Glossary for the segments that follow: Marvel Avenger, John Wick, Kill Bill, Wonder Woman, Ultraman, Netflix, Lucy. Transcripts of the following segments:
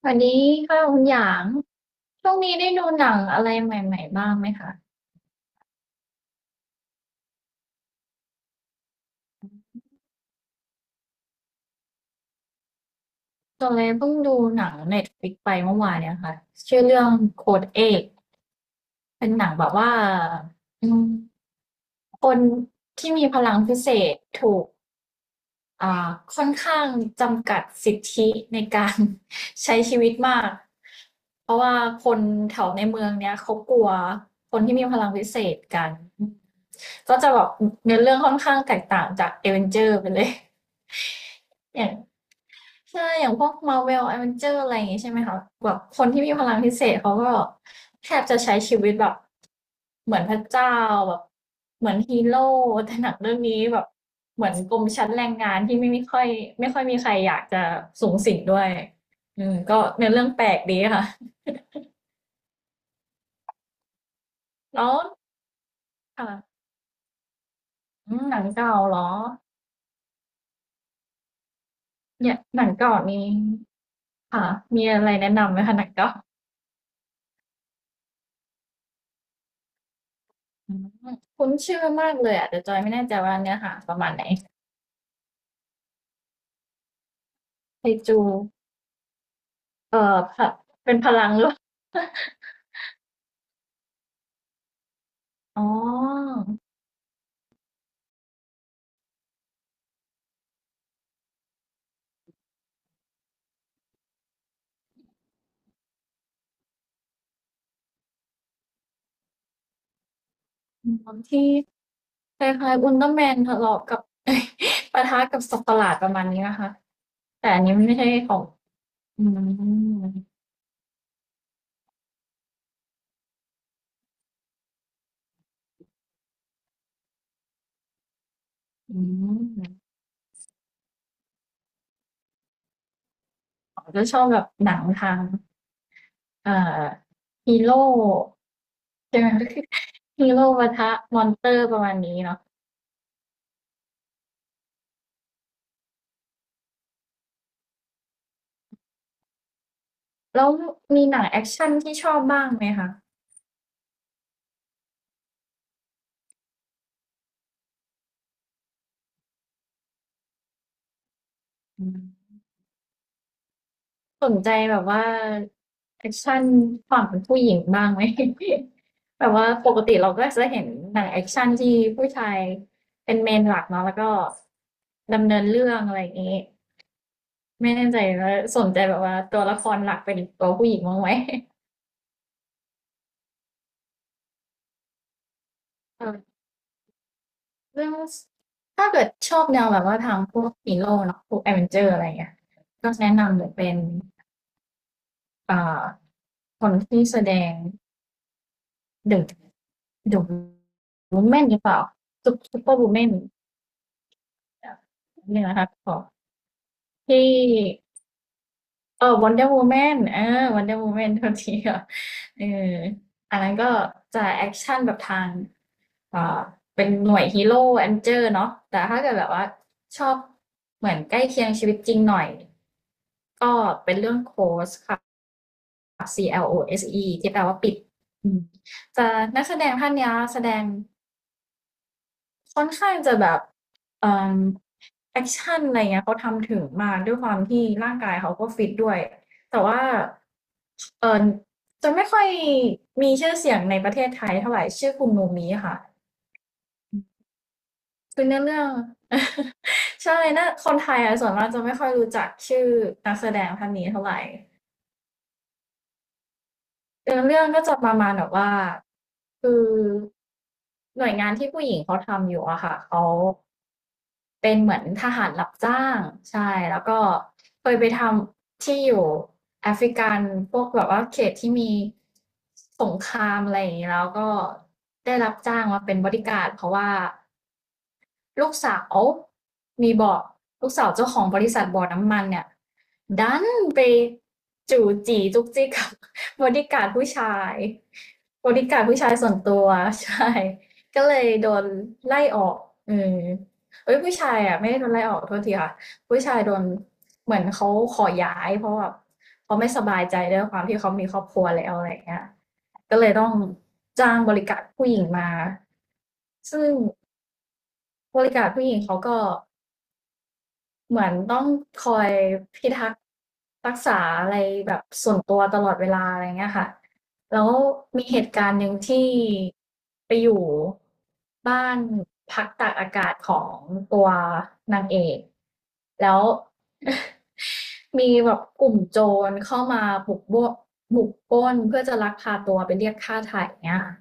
สวัสดีค่ะคุณหยางช่วงนี้ได้ดูหนังอะไรใหม่ๆบ้างไหมคะตัวเลยเพิ่งดูหนัง Netflix ไปเมื่อวานเนี่ยค่ะชื่อเรื่องโค้ดเอก เป็นหนังแบบว่าอืมคนที่มีพลังพิเศษถูก อ่าค่อนข้างจำกัดสิทธิในการ ใช้ชีวิตมากเพราะว่าคนแถวในเมืองเนี้ยเขากลัวคนที่มีพลังวิเศษกันก็จะแบบเนื้อเรื่องค่อนข้างแตกต่างจากเอเวนเจอร์ไปเลย อย่าง ใช่ อย่างพวก Marvel Avenger อะไรอย่างงี้ใช่ไหมคะแบบคนที่มีพลังพิเศษเขาก็แทบจะใช้ชีวิตแบบเหมือนพระเจ้าแบบเหมือนฮีโร่แต่หนังเรื่องนี้แบบเหมือนกลุ่มชั้นแรงงานที่ไม่ค่อยไม่ค่อยมีใครอยากจะสูงสิงด้วยอืมก็เนื้อเรื่องแปลกดีค่ะ แล้วค่ะอืมหนังเก่าเหรอเนี่ยหนังเก่านี้ค่ะมีอะไรแนะนำไหมคะหนังเก่าอืมคุ้นชื่อมากเลยอ่ะแต่จอยไม่แน่ใจว่าเนื้อหาประมาณไหน ไคจูพะเป็นพลัง หรือเปล่าอ๋อที่คล้ายๆอุลตร้าแมนทะเลาะกับ ปะทะกับสัตว์ประหลาดประมาณนี้นะคะ แต่อันนี้มันไม่ใช่ของอืมอืมผมจะชอบแบบหนังทางเอ่อฮีโร่ใช่ไหม ฮีโร่ ปะทะมอนเตอร์ประมาณนี้เนาะแล้วมีหนังแอคชั่นที่ชอบบ้างไหมคะอืม สนใจแบบว่าแอคชั่นฝั่งผู้หญิงบ้างไหม แบบว่าปกติเราก็จะเห็นหนังแอคชั่นที่ผู้ชายเป็นเมนหลักเนาะแล้วก็ดำเนินเรื่องอะไรอย่างนี้ไม่แน่ใจว่าสนใจแบบว่าตัวละครหลักเป็นตัวผู้หญิงบ้างไหม เออเรื่องถ้าเกิดชอบแนวแบบว่าทางพวกฮีโร่เนาะพวกแอดเวนเจอร์อะไรเงี้ยก็แนะนำเลยเป็นอ่าคนที่แสดง เดอะเดอะวูแมนหรือเปล่าซุปเปอร์วูแมนเนี่ยนะคะขอที่เออวันเดอร์วูแมนเออวันเดอร์วูแมนทันทีค่ะเอออันนั้นก็จะแอคชั่นแบบทางอ่าเป็นหน่วยฮีโร่แอนเจอร์เนาะแต่ถ้าเกิดแบบว่าชอบเหมือนใกล้เคียงชีวิตจริงหน่อยก็เป็นเรื่องโคสค่ะ Close ที่แปลว่าปิดอืมจะนักแสดงท่านเนี้ยแสดง ค่อนข้างจะแบบเอ่อแอกชันอะไรเงี้ยเขาทำถึงมากด้วยความที่ร่างกายเขาก็ฟิตด้วยแต่ว่าเอ่อจะไม่ค่อยมีชื่อเสียงในประเทศไทยเท่าไรชื่อคุณโนมิค่ะคือเนื้อเรื่อง ใช่น่าคนไทยอะส่วนมากจะไม่ค่อยรู้จักชื่อนักแสดงท่านนี้เท่าไร เนื้อเรื่องก็จะประมาณแบบว่าคือหน่วยงานที่ผู้หญิงเขาทำอยู่อะค่ะเขาเป็นเหมือนทหารรับจ้างใช่แล้วก็เคยไปทำที่อยู่แอฟริกันพวกแบบว่าเขตที่มีสงครามอะไรอย่างนี้แล้วก็ได้รับจ้างมาเป็นบอดี้การ์ดเพราะว่า ลูกสาวมีบอกลูกสาวเจ้าของบริษัทบ่อน้ำมันเนี่ยดันไปจู่จีจุกจิกกับ บริการผู้ชายบริการผู้ชายส่วนตัว ใช่ก็เลยโดนไล่ออกเออเอ้ยผู้ชายอ่ะไม่ได้โดนไล่ออกโทษทีค่ะผู้ชายโดนเหมือนเขาขอย้ายเพราะแบบเขาไม่สบายใจด้วยความที่เขามีครอบครัวแล้วอะไรอย่างเงี้ยก็เลยต้องจ้างบริการผู้หญิงมาซึ่ง บริการผู้หญิงเขาก็เหมือนต้องคอยพิทักษ์รักษาอะไรแบบส่วนตัวตลอดเวลาอะไรเงี้ยค่ะแล้วมีเหตุการณ์หนึ่งที่ไปอยู่บ้านพักตากอากาศของตัวนางเอกแล้ว มีแบบกลุ่มโจรเข้ามาบุกปล้นเพื่อจะลักพาตัวไปเรียกค่าไถ่เงี้ยค่ะ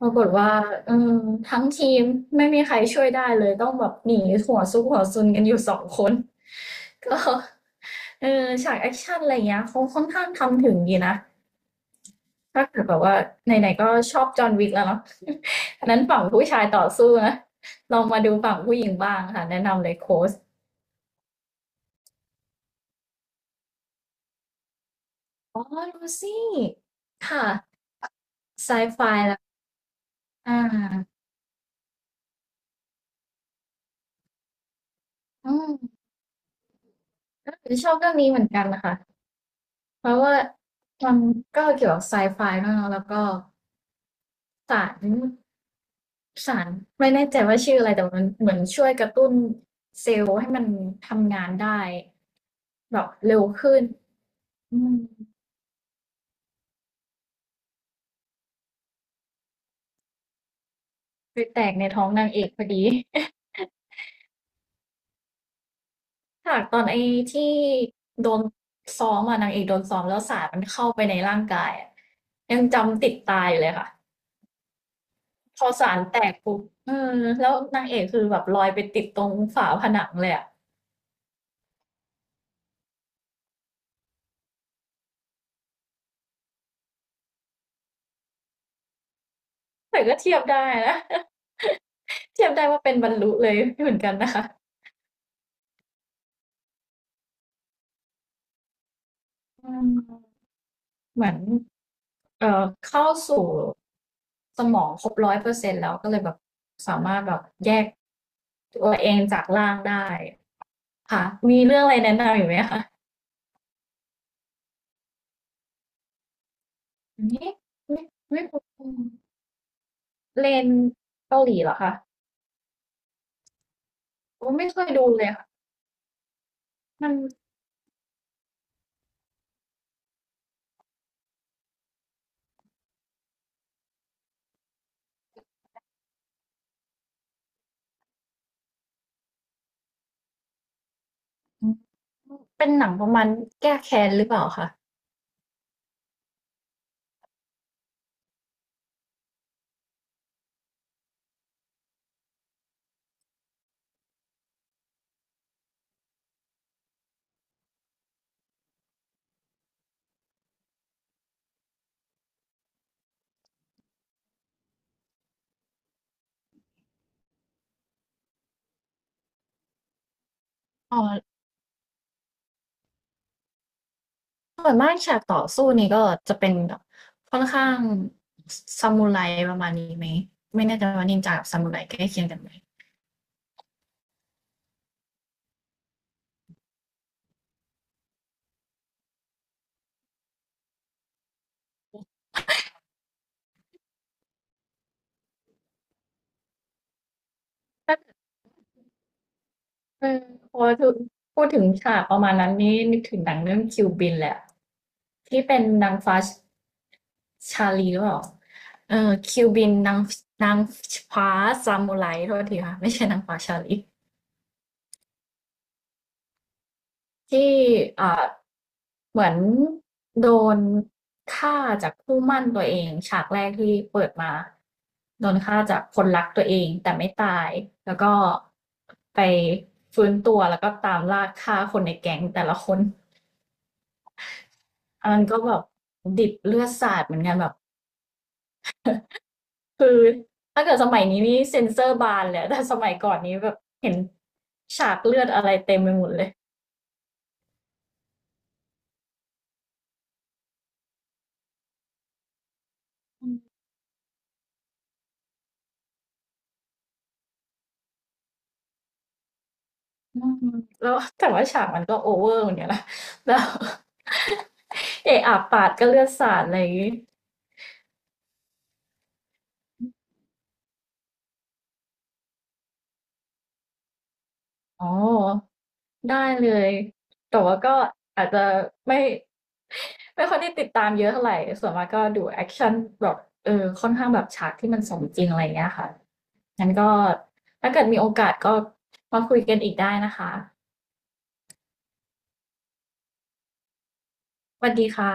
ปรากฏว่าอืมทั้งทีมไม่มีใครช่วยได้เลยต้องแบบหนีหัวซุกหัวซุนกันอยู่สองคน ก็เออฉากแอคชั่นอะไรอย่างเงี้ยเขาค่อนข้างทำถึงดีนะถ้าเกิดแบบว่าไหนๆก็ชอบจอห์นวิกแล้วเนาะ อันนั้นฝั่งผู้ชายต่อสู้นะลองมาดูฝั่งผู้หญิงบ้างค่ะแนะนำเลยโค้ชอ๋อลูซี่ค่ะไซไฟแล้วอ่าอืมชอบเรื่องนี้เหมือนกันนะคะเพราะว่ามันก็เกี่ยวกับไซไฟด้วยเนอะแล้วก็ สารสารไม่แน่ใจว่าชื่ออะไรแต่มันเหมือนช่วยกระตุ้นเซลล์ให้มันทำงานได้แบบเร็วขึ้นอืมไปแตกในท้องนางเอกพอดี ฉากตอนไอ้ที่โดนซ้อมอ่ะนางเอกโดนซ้อมแล้วสารมันเข้าไปในร่างกายอะยังจำติดตาอยู่เลยค่ะพอสารแตกปุ๊บเออแล้วนางเอกคือแบบลอยไปติดตรงฝาผนังเลยอะแต่ก็เทียบได้นะ เทียบได้ว่าเป็นบรรลุเลยเหมือนกันนะคะ อืมเหมือน เข้าสู่สมองครบ100 เปอร์เซ็นต์แล้วก็เลยแบบสามารถแบบแยกตัวเองจากร่างได้ค่ะมีเรื่องอะไรแนะนำอีกไหมคะนี่ไม่ไม่รู้เลนเกาหลีเหรอคะผมไม่เคยดูเลยค่ะมันเป็นหนังประมาณแก้แค้นหรือเปล่าคะอ๋อส่วนมากฉากต่อสู้นี่ก็จะเป็นแบบค่อนข้างซามูไรประมาณนี้ไหมไม่แน่ใจว่านินจากับซามูไรใกล้เคียงกันไหม ถ้าเออพอถึงพูดถึงฉากประมาณนั้นนี่นึกถึงหนังเรื่องคิวบินแหละที่เป็นนางฟ้าชาลีหรือเปล่าเออคิวบินนางนางฟ้าซามูไรโทษทีค่ะไม่ใช่นางฟ้าชาลี ที่อ่าเหมือนโดนฆ่าจากคู่หมั่นตัวเองฉากแรกที่เปิดมาโดนฆ่าจากคนรักตัวเองแต่ไม่ตายแล้วก็ไปฟื้นตัวแล้วก็ตามล่าฆ่าคนในแก๊งแต่ละคนอันนั้นก็แบบดิบเลือดสาดเหมือนกันแบบคือถ้าเกิดสมัยนี้นี่เซ็นเซอร์บานเลยแต่สมัยก่อนนี้แบบเห็นฉากเลือดอะไรเต็มไปหมดเลย อืมแล้วแต่ว่าฉากมันก็โอเวอร์เหมือนกันนะ แล้ว เอะอะปาดก็เลือดสาดอะไรอย่างงี้อ๋อได้เลยแต่ว่าก็อาจจะไม่ไม่ค่อยได้ติดตามเยอะเท่าไหร่ส่วนมากก็ดูแอคชั่นแบบเออค่อนข้างแบบฉากที่มันสมจริงอะไรอย่างเงี้ยค่ะงั้นก็ถ้าเกิดมีโอกาสก็มาคุยกันอีกได้นะคะสวัสดีค่ะ